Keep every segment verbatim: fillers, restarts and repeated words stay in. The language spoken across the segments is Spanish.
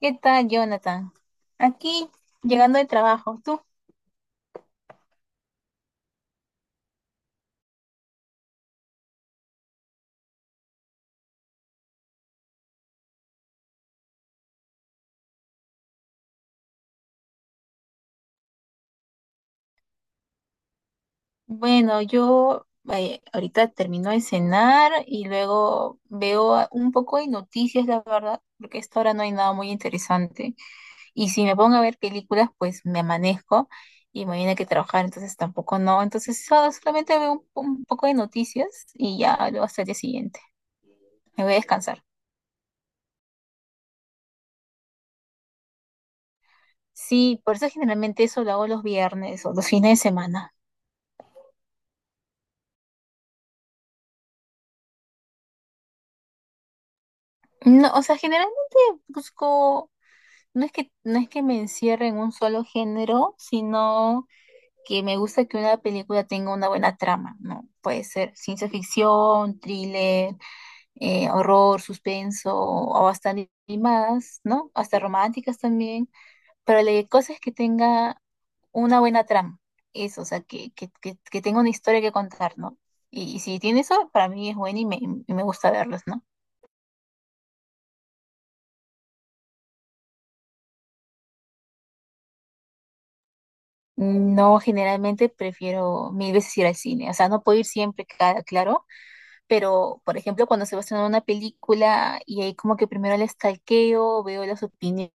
¿Qué tal, Jonathan? Aquí, llegando de trabajo, ¿tú? Bueno, yo eh, ahorita termino de cenar y luego veo a- un poco de noticias, la verdad, porque a esta hora no hay nada muy interesante. Y si me pongo a ver películas, pues me amanezco y mañana hay que trabajar, entonces tampoco no. Entonces solo- solamente veo un, po- un poco de noticias y ya luego hasta el día siguiente. Me voy a descansar. Sí, por eso generalmente eso lo hago los viernes o los fines de semana. No, o sea, generalmente busco. No es que, no es que me encierre en un solo género, sino que me gusta que una película tenga una buena trama, ¿no? Puede ser ciencia ficción, thriller, eh, horror, suspenso, o hasta animadas, ¿no? Hasta románticas también. Pero la cosa es que tenga una buena trama. Eso, o sea, que, que, que, que tenga una historia que contar, ¿no? Y, y si tiene eso, para mí es bueno y me, y me gusta verlos, ¿no? No, generalmente prefiero mil veces ir al cine. O sea, no puedo ir siempre, ca- claro, pero por ejemplo, cuando se va a estrenar una película y ahí como que primero la stalkeo, veo las opiniones,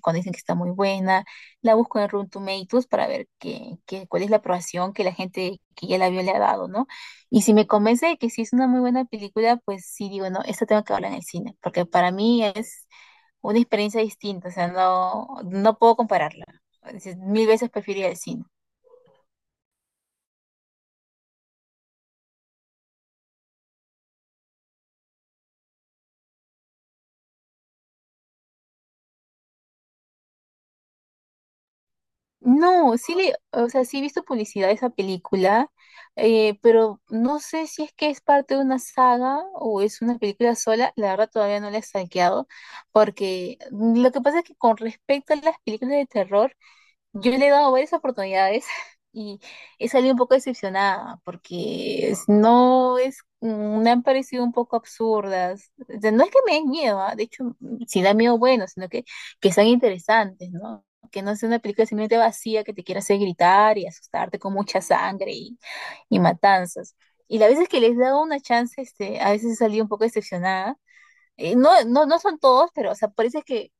cuando dicen que está muy buena, la busco en Rotten Tomatoes para ver qué, qué, cuál es la aprobación que la gente que ya la vio le ha dado, ¿no? Y si me convence de que sí es una muy buena película, pues sí digo, no, esta tengo que hablar en el cine, porque para mí es una experiencia distinta, o sea, no, no puedo compararla. Es decir, mil veces prefiero ir al cine. No, sí le, o sea, sí he visto publicidad de esa película, eh, pero no sé si es que es parte de una saga o es una película sola, la verdad todavía no la he stalkeado, porque lo que pasa es que con respecto a las películas de terror, yo le he dado varias oportunidades y he salido un poco decepcionada porque es- no es, mm, me han parecido un poco absurdas. O sea, no es que me den miedo, ¿ah? De hecho, si da miedo, bueno, sino que, que sean interesantes, ¿no? Que no sea una película simplemente vacía que te quiera hacer gritar y asustarte con mucha sangre y, y matanzas. Y las veces que les he dado una chance, este, a veces he salido un poco decepcionada. Eh, no, no, no son todos, pero, o sea, por eso es que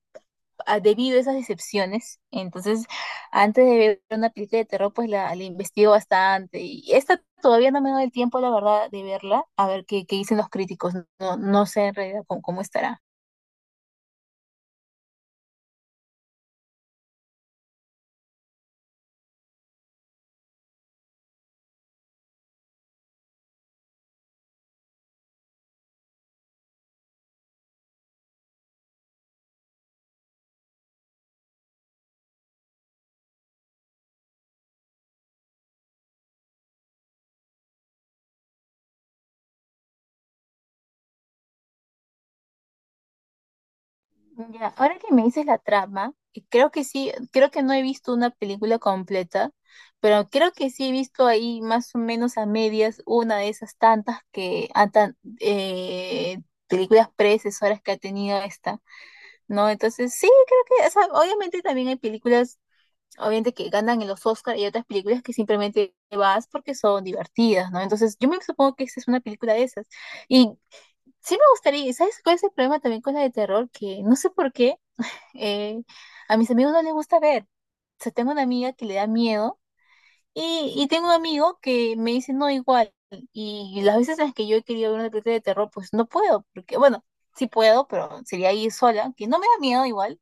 ah, debido a esas decepciones. Entonces, antes de ver una película de terror, pues la, la investigo bastante. Y esta todavía no me da el tiempo, la verdad, de verla, a ver qué, qué dicen los críticos. No, no no sé en realidad cómo, cómo estará. Ya, ahora que me dices la trama, eh, creo que sí, creo que no he visto una película completa, pero creo que sí he visto ahí más o menos a medias una de esas tantas que, ah, tan- eh, películas predecesoras que ha tenido esta, ¿no? Entonces, sí, creo que, o sea, obviamente también hay películas, obviamente que ganan en los Oscars y otras películas que simplemente vas porque son divertidas, ¿no? Entonces, yo me supongo que esta es una película de esas. Y sí me gustaría, y ¿sabes cuál es el problema también con la de terror? Que no sé por qué eh, a mis amigos no les gusta ver. O sea, tengo una amiga que le da miedo y, y tengo un amigo que me dice no igual. Y las veces en las que yo he querido ver una película de terror, pues no puedo, porque, bueno, sí puedo, pero sería ir sola, que no me da miedo igual.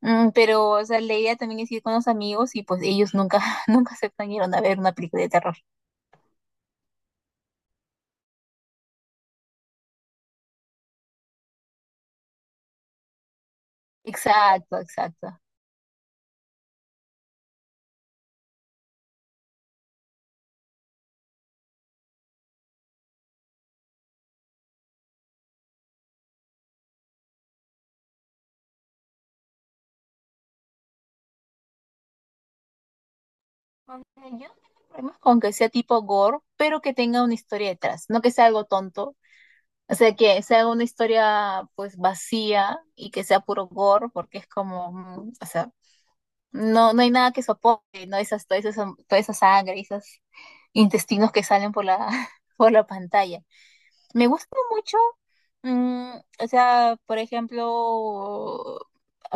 Mm, pero, o sea, la idea también es ir con los amigos y pues ellos nunca, nunca aceptan ir a ver una película de terror. Exacto, exacto. Aunque yo no tengo problemas con que sea tipo gore, pero que tenga una historia detrás, no que sea algo tonto. O sea, que sea una historia pues vacía y que sea puro gore, porque es como, mm, o sea, no, no hay nada que soporte, ¿no? Esas, toda esa, toda esa sangre, esos intestinos que salen por la, por la pantalla. Me gusta mucho. Mm, o sea, por ejemplo,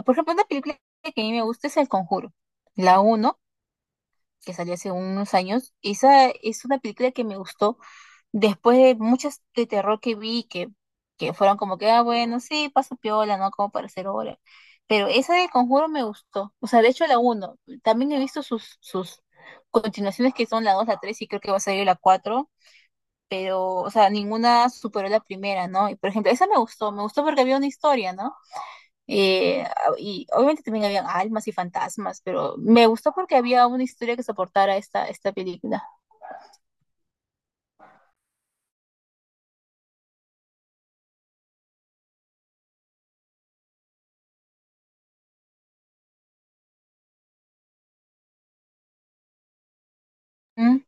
por ejemplo, una película que a mí me gusta es El Conjuro, la uno, que salió hace unos años. Esa es una película que me gustó después de muchas de terror que vi, que, que fueron como que, ah, bueno, sí, paso piola, ¿no? Como para hacer hora. Pero esa del Conjuro me gustó. O sea, de hecho, la uno, también he visto sus, sus continuaciones, que son la dos, la tres, y creo que va a salir la cuatro, pero, o sea, ninguna superó la primera, ¿no? Y por ejemplo, esa me gustó, me gustó porque había una historia, ¿no? Eh, ah, y obviamente también habían almas y fantasmas, pero me gustó porque había una historia que soportara esta, esta película. ¿Mm?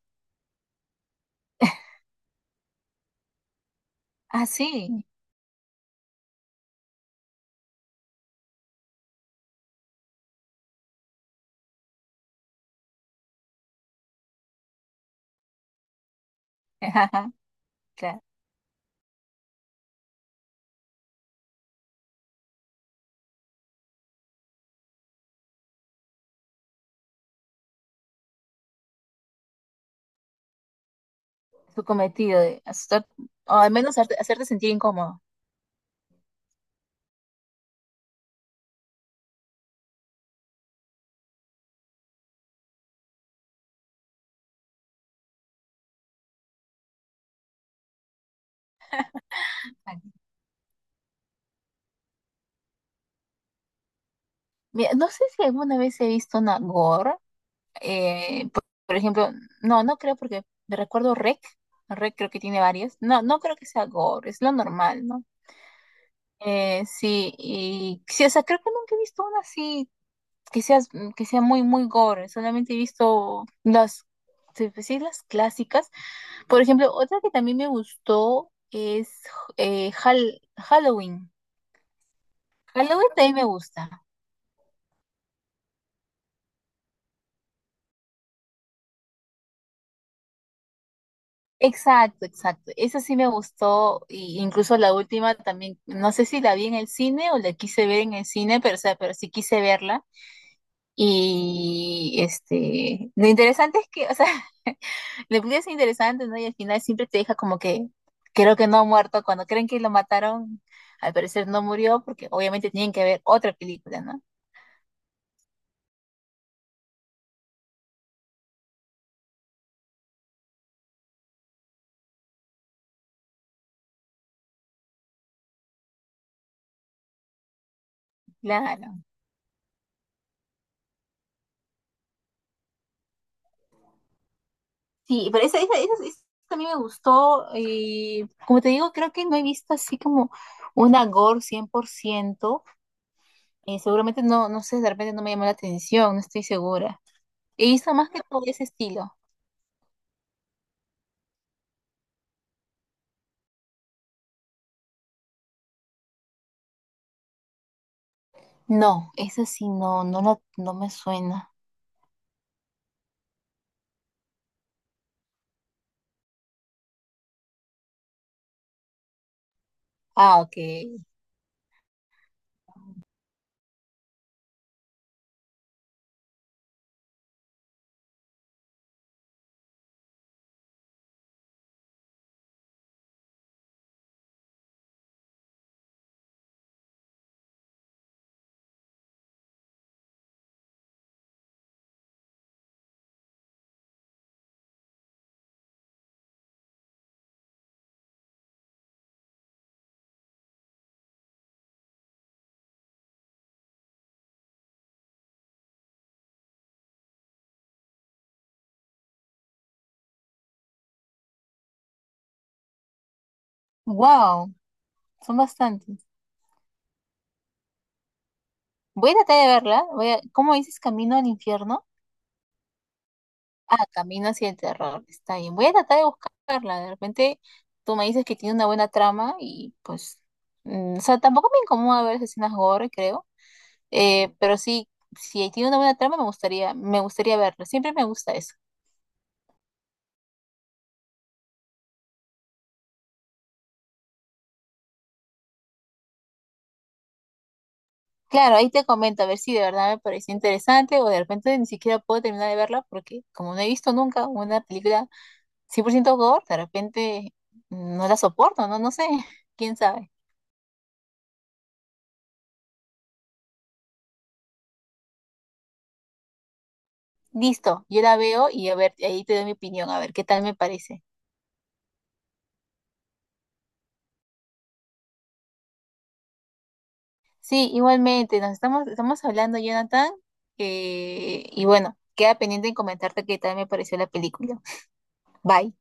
Ah, sí. Ajá, claro, su cometido de asustar, o al menos hacerte, hacerte sentir incómodo. Mira, no sé si alguna vez he visto una gore, eh, por, por ejemplo, no, no creo porque me recuerdo Rec, Rec creo que tiene varias. No, no creo que sea gore, es lo normal, ¿no? Eh, sí, y sí, o sea, creo que nunca he visto una así que sea que sea muy, muy gore. Solamente he visto las, sí, pues sí, las clásicas. Por ejemplo, otra que también me gustó es eh, Hal- Halloween. Halloween también me gusta. Exacto, exacto. Esa sí me gustó, y incluso la última también, no sé si la vi en el cine o la quise ver en el cine, pero, o sea, pero sí quise verla. Y este, lo interesante es que, o sea, la película es interesante, ¿no? Y al final siempre te deja como que, creo que no ha muerto. Cuando creen que lo mataron, al parecer no murió, porque obviamente tienen que ver otra película, ¿no? Claro. Sí, pero esa, esa, esa, esa a mí me gustó y como te digo, creo que no he visto así como una gore cien por ciento. Eh, seguramente no, no sé, de repente no me llamó la atención, no estoy segura. He visto más que todo ese estilo. No, esa sí no, no, la- no me suena. Ah, ok. Wow, son bastantes. Voy a tratar de verla. Voy a, ¿cómo dices? Camino al infierno. Ah, Camino hacia el terror. Está bien. Voy a tratar de buscarla. De repente tú me dices que tiene una buena trama y pues... mm, o sea, tampoco me incomoda ver esas escenas gore, creo. Eh, pero sí, si tiene una buena trama me gustaría, me gustaría verla. Siempre me gusta eso. Claro, ahí te comento a ver si de verdad me pareció interesante o de repente ni siquiera puedo terminar de verla porque como no he visto nunca una película cien por ciento gore, de repente no la soporto, ¿no? No sé, quién sabe. Listo, yo la veo y a ver, ahí te doy mi opinión, a ver qué tal me parece. Sí, igualmente, nos estamos, estamos hablando, Jonathan, eh, y bueno, queda pendiente en comentarte qué tal me pareció la película. Bye.